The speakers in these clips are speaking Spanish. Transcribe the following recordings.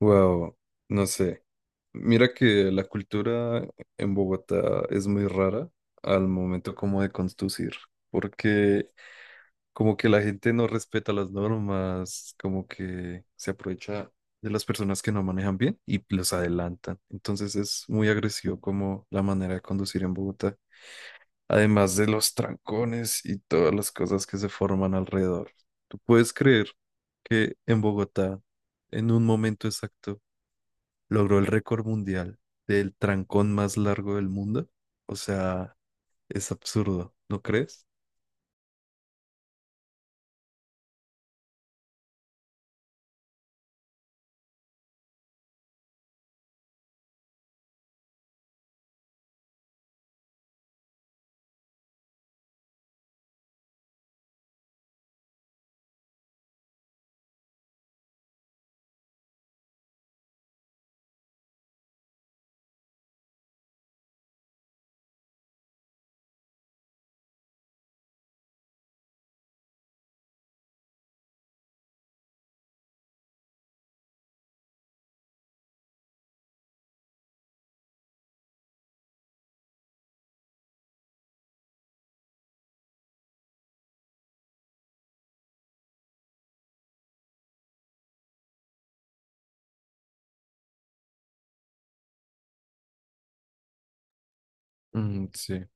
Wow, no sé. Mira que la cultura en Bogotá es muy rara al momento como de conducir, porque como que la gente no respeta las normas, como que se aprovecha de las personas que no manejan bien y los adelantan. Entonces es muy agresivo como la manera de conducir en Bogotá, además de los trancones y todas las cosas que se forman alrededor. ¿Tú puedes creer que en Bogotá, en un momento exacto, logró el récord mundial del trancón más largo del mundo? O sea, es absurdo, ¿no crees? Mm, sí.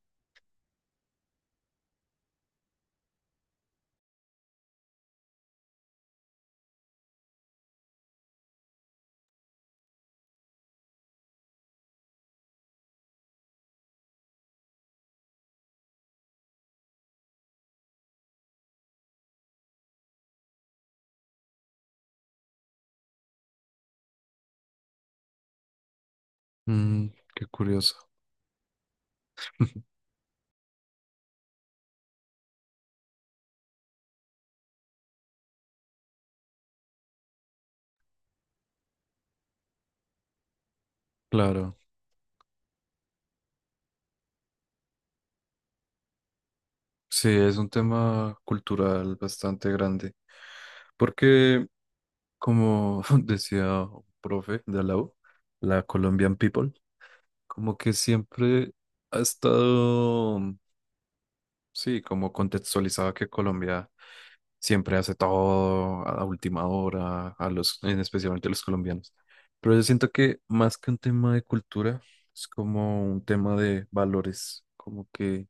Mm, qué curioso. Claro, sí, es un tema cultural bastante grande, porque como decía un profe de la U, la Colombian People, como que siempre ha estado. Sí, como contextualizaba que Colombia siempre hace todo a última hora, a los, en especialmente a los colombianos. Pero yo siento que más que un tema de cultura, es como un tema de valores, como que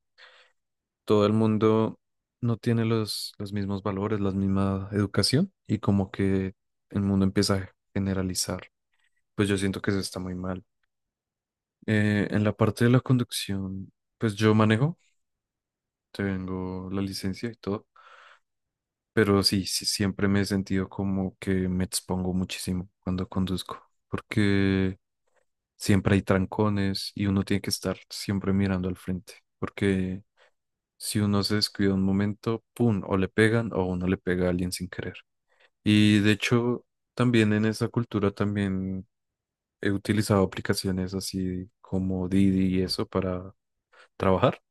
todo el mundo no tiene los mismos valores, la misma educación, y como que el mundo empieza a generalizar. Pues yo siento que eso está muy mal. En la parte de la conducción, pues yo manejo, tengo la licencia y todo. Pero sí, siempre me he sentido como que me expongo muchísimo cuando conduzco, porque siempre hay trancones y uno tiene que estar siempre mirando al frente, porque si uno se descuida un momento, ¡pum!, o le pegan o uno le pega a alguien sin querer. Y de hecho, también en esa cultura también he utilizado aplicaciones así como Didi y eso para trabajar.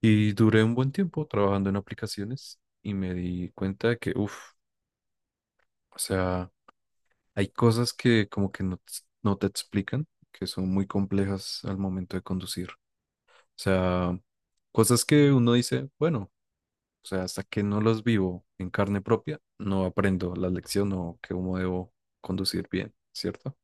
Y duré un buen tiempo trabajando en aplicaciones y me di cuenta de que, uff, o sea... Hay cosas que como que no, no te explican, que son muy complejas al momento de conducir. O sea, cosas que uno dice, bueno, o sea, hasta que no las vivo en carne propia, no aprendo la lección o que cómo debo conducir bien, ¿cierto?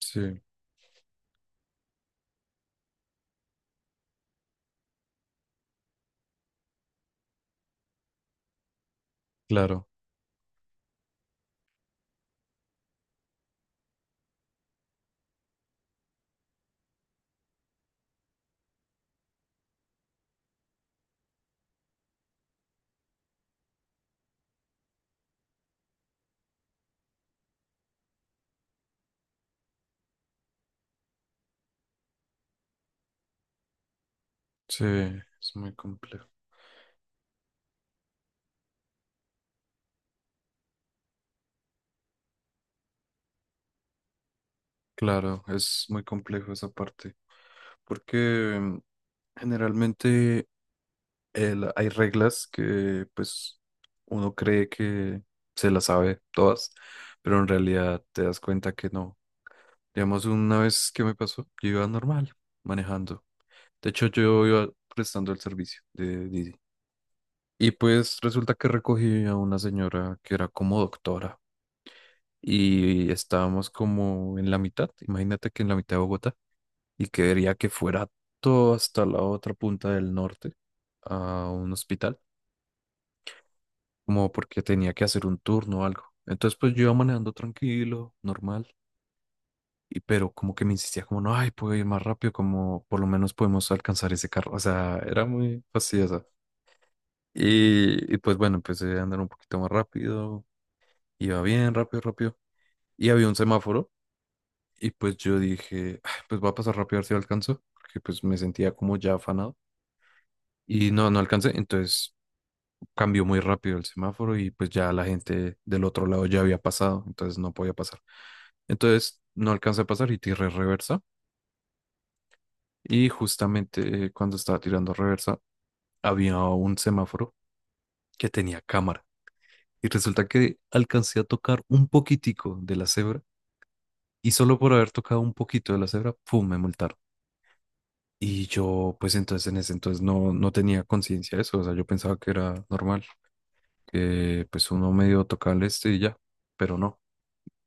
Sí, claro, sí, es muy complejo. Claro, es muy complejo esa parte, porque generalmente hay reglas que pues uno cree que se las sabe todas, pero en realidad te das cuenta que no. Digamos, una vez que me pasó, yo iba normal, manejando. De hecho, yo iba prestando el servicio de Didi. Y pues resulta que recogí a una señora que era como doctora y estábamos como en la mitad, imagínate, que en la mitad de Bogotá, y quería que fuera todo hasta la otra punta del norte a un hospital como porque tenía que hacer un turno o algo. Entonces, pues yo iba manejando tranquilo, normal, pero como que me insistía como, no, ay, puedo ir más rápido, como por lo menos podemos alcanzar ese carro. O sea, era muy fastidiosa. Y pues bueno, empecé a andar un poquito más rápido, iba bien, rápido, rápido. Y había un semáforo, y pues yo dije: "Ah, pues voy a pasar rápido a ver si lo alcanzo", porque pues me sentía como ya afanado. Y no alcancé, entonces cambió muy rápido el semáforo y pues ya la gente del otro lado ya había pasado, entonces no podía pasar. Entonces no alcancé a pasar y tiré reversa. Y justamente cuando estaba tirando reversa había un semáforo que tenía cámara. Y resulta que alcancé a tocar un poquitico de la cebra, y solo por haber tocado un poquito de la cebra, ¡pum!, me multaron. Y yo, pues entonces en ese entonces no tenía conciencia de eso, o sea, yo pensaba que era normal, que pues uno medio tocaba el este y ya, pero no.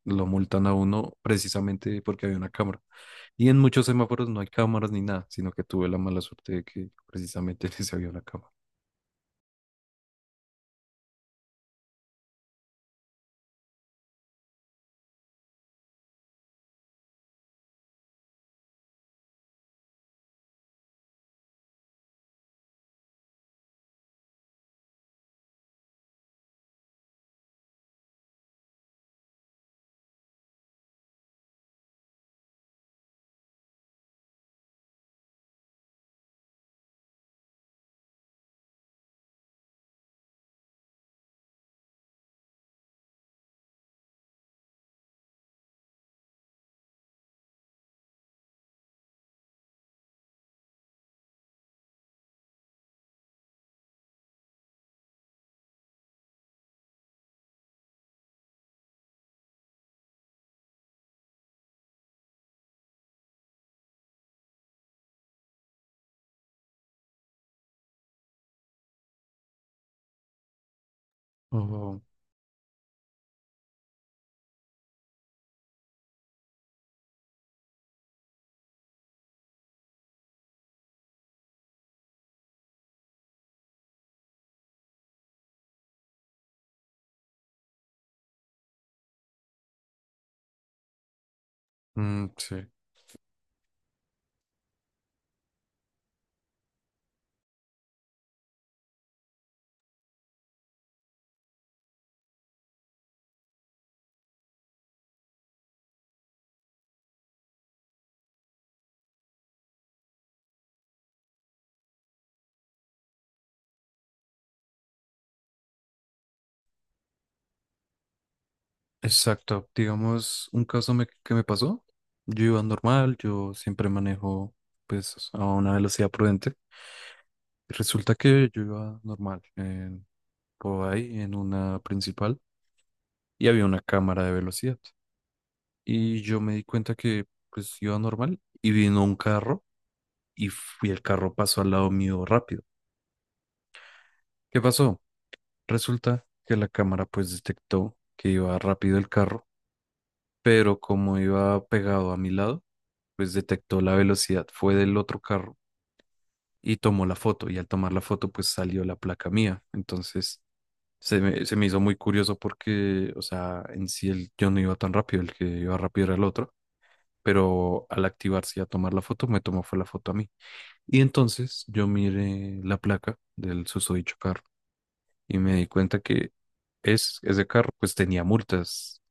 Lo multan a uno precisamente porque había una cámara. Y en muchos semáforos no hay cámaras ni nada, sino que tuve la mala suerte de que precisamente en ese había una cámara. Oh, mm, sí, exacto. Digamos, un caso que me pasó. Yo iba normal, yo siempre manejo pues a una velocidad prudente. Resulta que yo iba normal por ahí en una principal, y había una cámara de velocidad. Y yo me di cuenta que pues iba normal y vino un carro y fui, el carro pasó al lado mío rápido. ¿Qué pasó? Resulta que la cámara pues detectó que iba rápido el carro, pero como iba pegado a mi lado, pues detectó la velocidad, fue del otro carro, y tomó la foto y al tomar la foto pues salió la placa mía. Entonces se me hizo muy curioso porque, o sea, en sí el, yo no iba tan rápido, el que iba rápido era el otro, pero al activarse y a tomar la foto me tomó fue la foto a mí. Y entonces yo miré la placa del susodicho carro y me di cuenta que ese carro pues tenía multas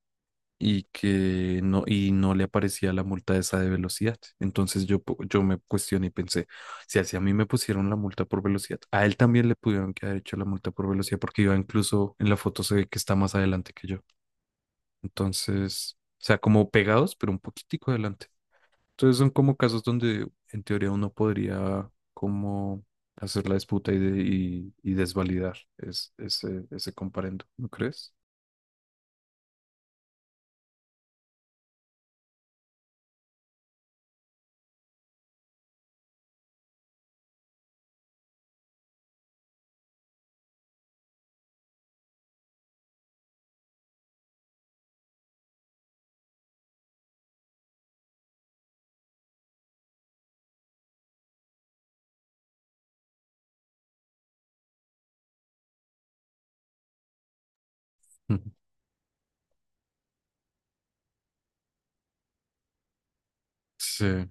y que no le aparecía la multa esa de velocidad. Entonces yo, yo me cuestioné y pensé, si así a mí me pusieron la multa por velocidad, a él también le pudieron que haber hecho la multa por velocidad porque iba, incluso en la foto se ve que está más adelante que yo. Entonces, o sea, como pegados, pero un poquitico adelante. Entonces son como casos donde en teoría uno podría como hacer la disputa y, y desvalidar ese, ese comparendo, ¿no crees? Ujú. Sí,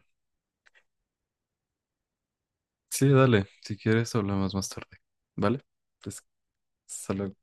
sí, dale, si quieres hablamos más tarde, ¿vale? Pues, hasta luego.